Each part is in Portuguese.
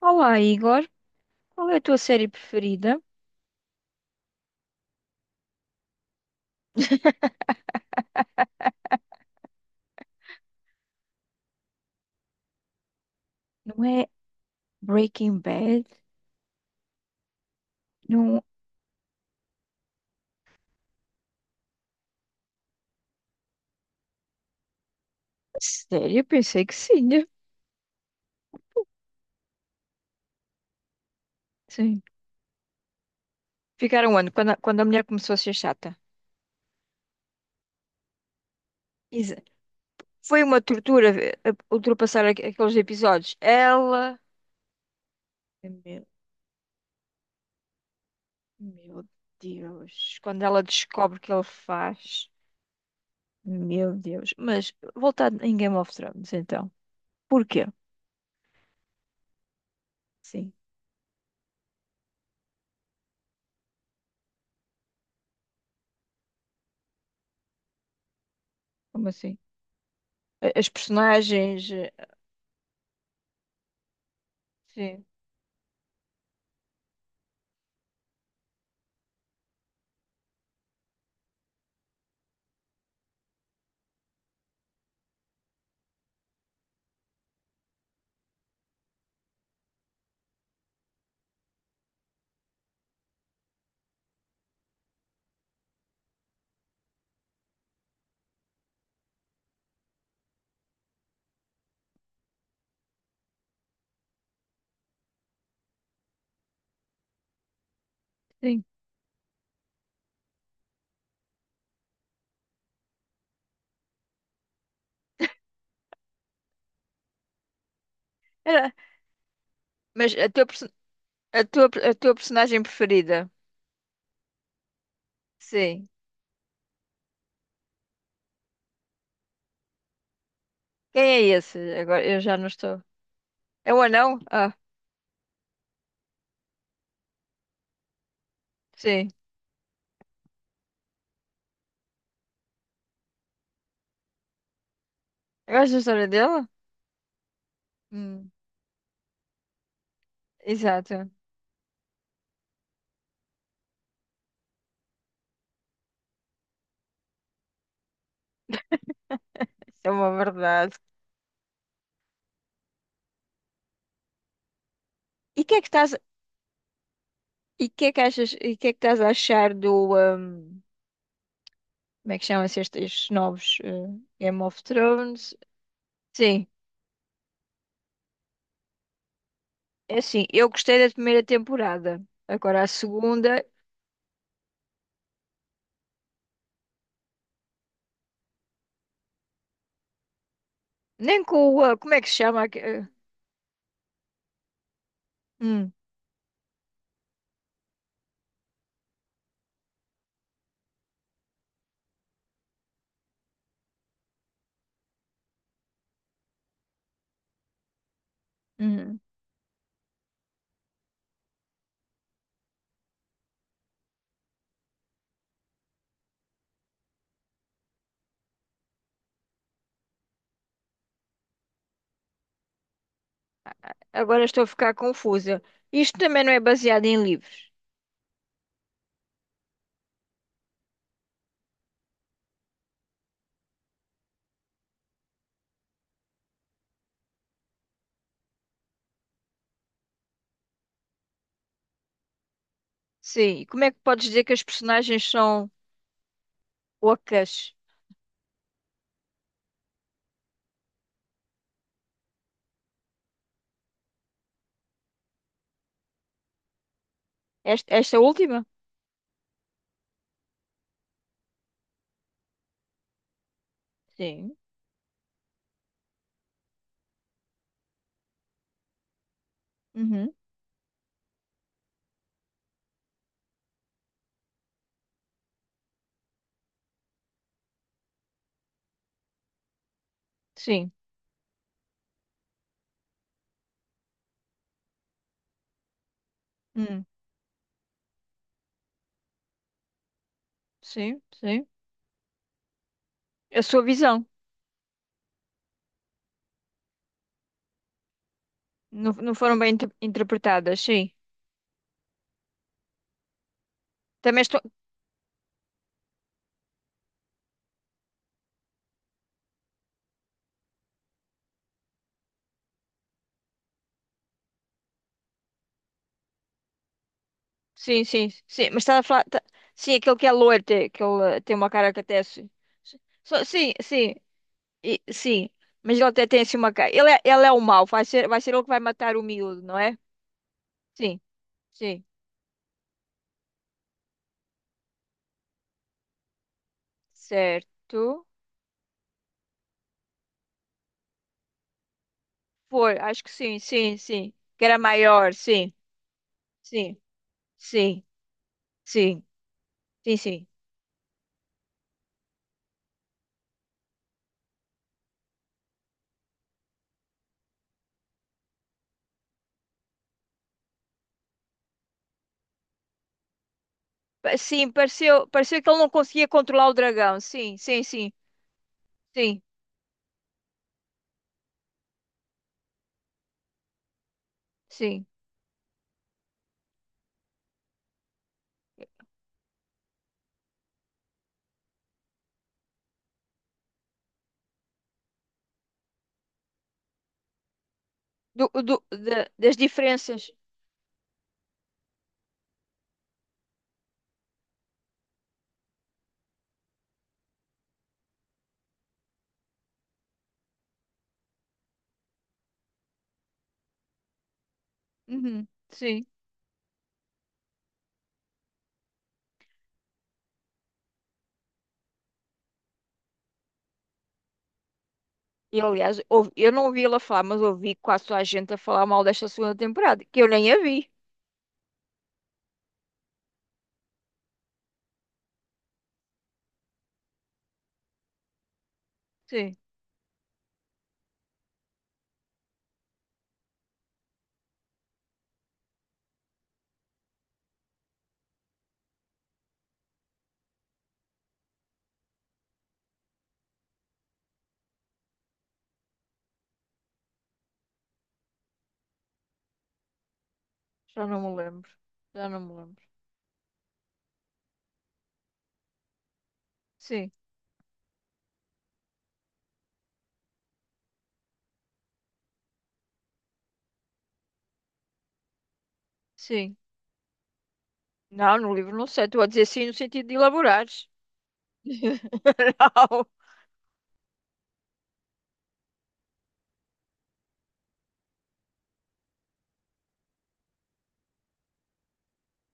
Olá, Igor. Qual é a tua série preferida? Não é Breaking Bad? Não. Sério? Eu pensei que sim, né? Sim. Ficaram onde? Quando a mulher começou a ser chata. Isa. Foi uma tortura ultrapassar aqueles episódios. Ela. Meu, meu Deus. Quando ela descobre o que ele faz. Meu Deus. Mas voltar em Game of Thrones, então. Porquê? Sim. Como assim? As personagens. Sim. Sim. Era. Mas a teu personagem. A tua personagem preferida? Sim. Quem é esse? Agora eu já não estou. É o anão? Ah, sim. Gostas da história dele? Hum, exato. Isso é uma verdade. E que é que estás, e que é que achas, e que é que estás a achar do, como é que chamam-se estes novos, Game of Thrones? Sim. É assim, eu gostei da primeira temporada. Agora a segunda, nem com o, ah, como é que se chama? Hum, hum. Agora estou a ficar confusa. Isto também não é baseado em livros. Sim, e como é que podes dizer que as personagens são ocas? Esta última? Sim. Uhum. Sim. Hum. Sim, sim. A sua visão. Não, não foram bem interpretadas, sim. Também estou. Sim, sim, sim. Mas estás a falar. Sim, aquele que é loiro, tem, que ele tem uma cara que até. Sim, sim. Sim. Mas ele até tem assim uma cara. Ele é o mau, vai ser ele que vai matar o miúdo, não é? Sim, sim. Certo. Foi, acho que sim, sim, sim. Que era maior, sim, sim, sim, sim, sim, sim. Sim, pareceu, pareceu que ele não conseguia controlar o dragão. Sim, sim, sim, sim, sim. Do, do, das diferenças. Uhum, sim. E aliás, eu não ouvi ela falar, mas ouvi quase toda a gente a falar mal desta segunda temporada, que eu nem a vi. Sim, já não me lembro. Já não me lembro. Sim, sim. Não, no livro não sei. Estou a dizer sim no sentido de elaborares. Não.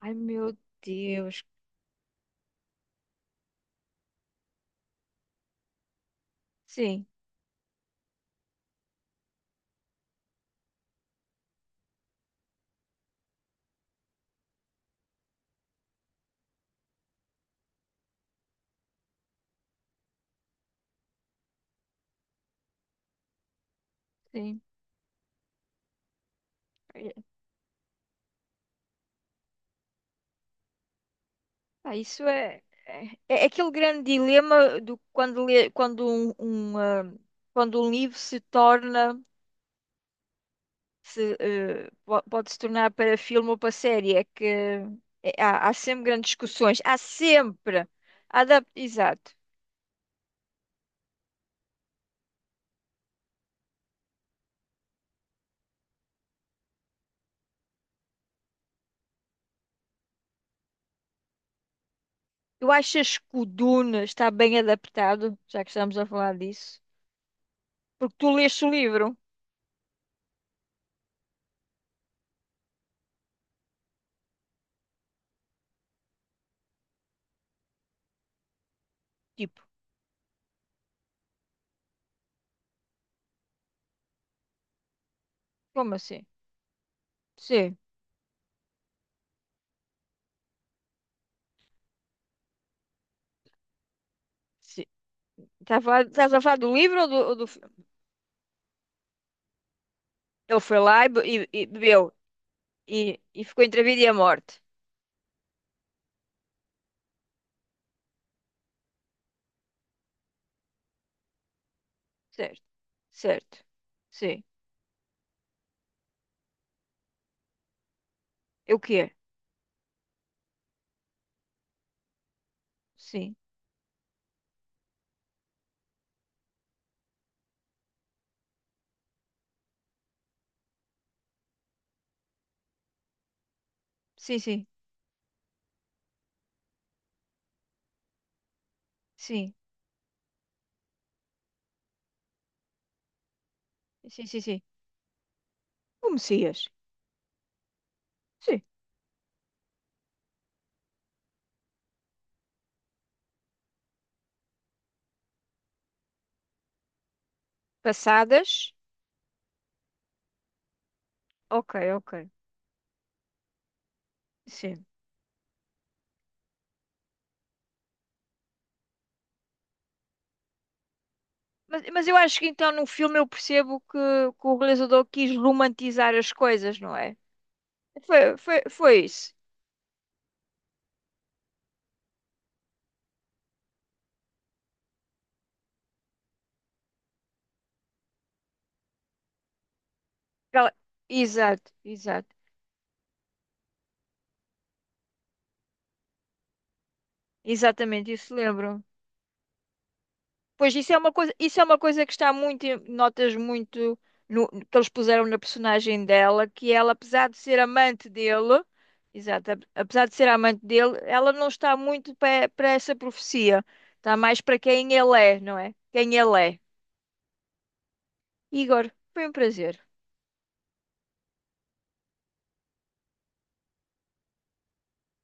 Ai, meu Deus. Sim, sim. É. Ah, isso é, é, é aquele grande dilema do quando, quando um, ah, quando um livro se torna, se, pode se tornar para filme ou para série. Há, há sempre grandes discussões. Há sempre. Adap exato. Tu achas que o Dune está bem adaptado, já que estamos a falar disso? Porque tu leste o livro. Tipo, como assim? Sim. Sim. Estás a falar do livro ou do Ele foi lá e, e bebeu e ficou entre a vida e a morte. Certo, certo. Sim. Eu quero. Sim. Sim, sim. Sim. Sim, sim, sim. O Messias. Sim. Passadas. Ok, ok. Sim. Mas eu acho que então no filme eu percebo que o realizador quis romantizar as coisas, não é? Foi, foi, foi isso. Ela- Exato, exato. Exatamente, isso lembro. Pois isso é uma coisa, isso é uma coisa que está muito, notas muito que eles puseram na personagem dela, que ela, apesar de ser amante dele, exato, apesar de ser amante dele, ela não está muito para essa profecia. Está mais para quem ele é, não é? Quem ele é. Igor, foi um prazer.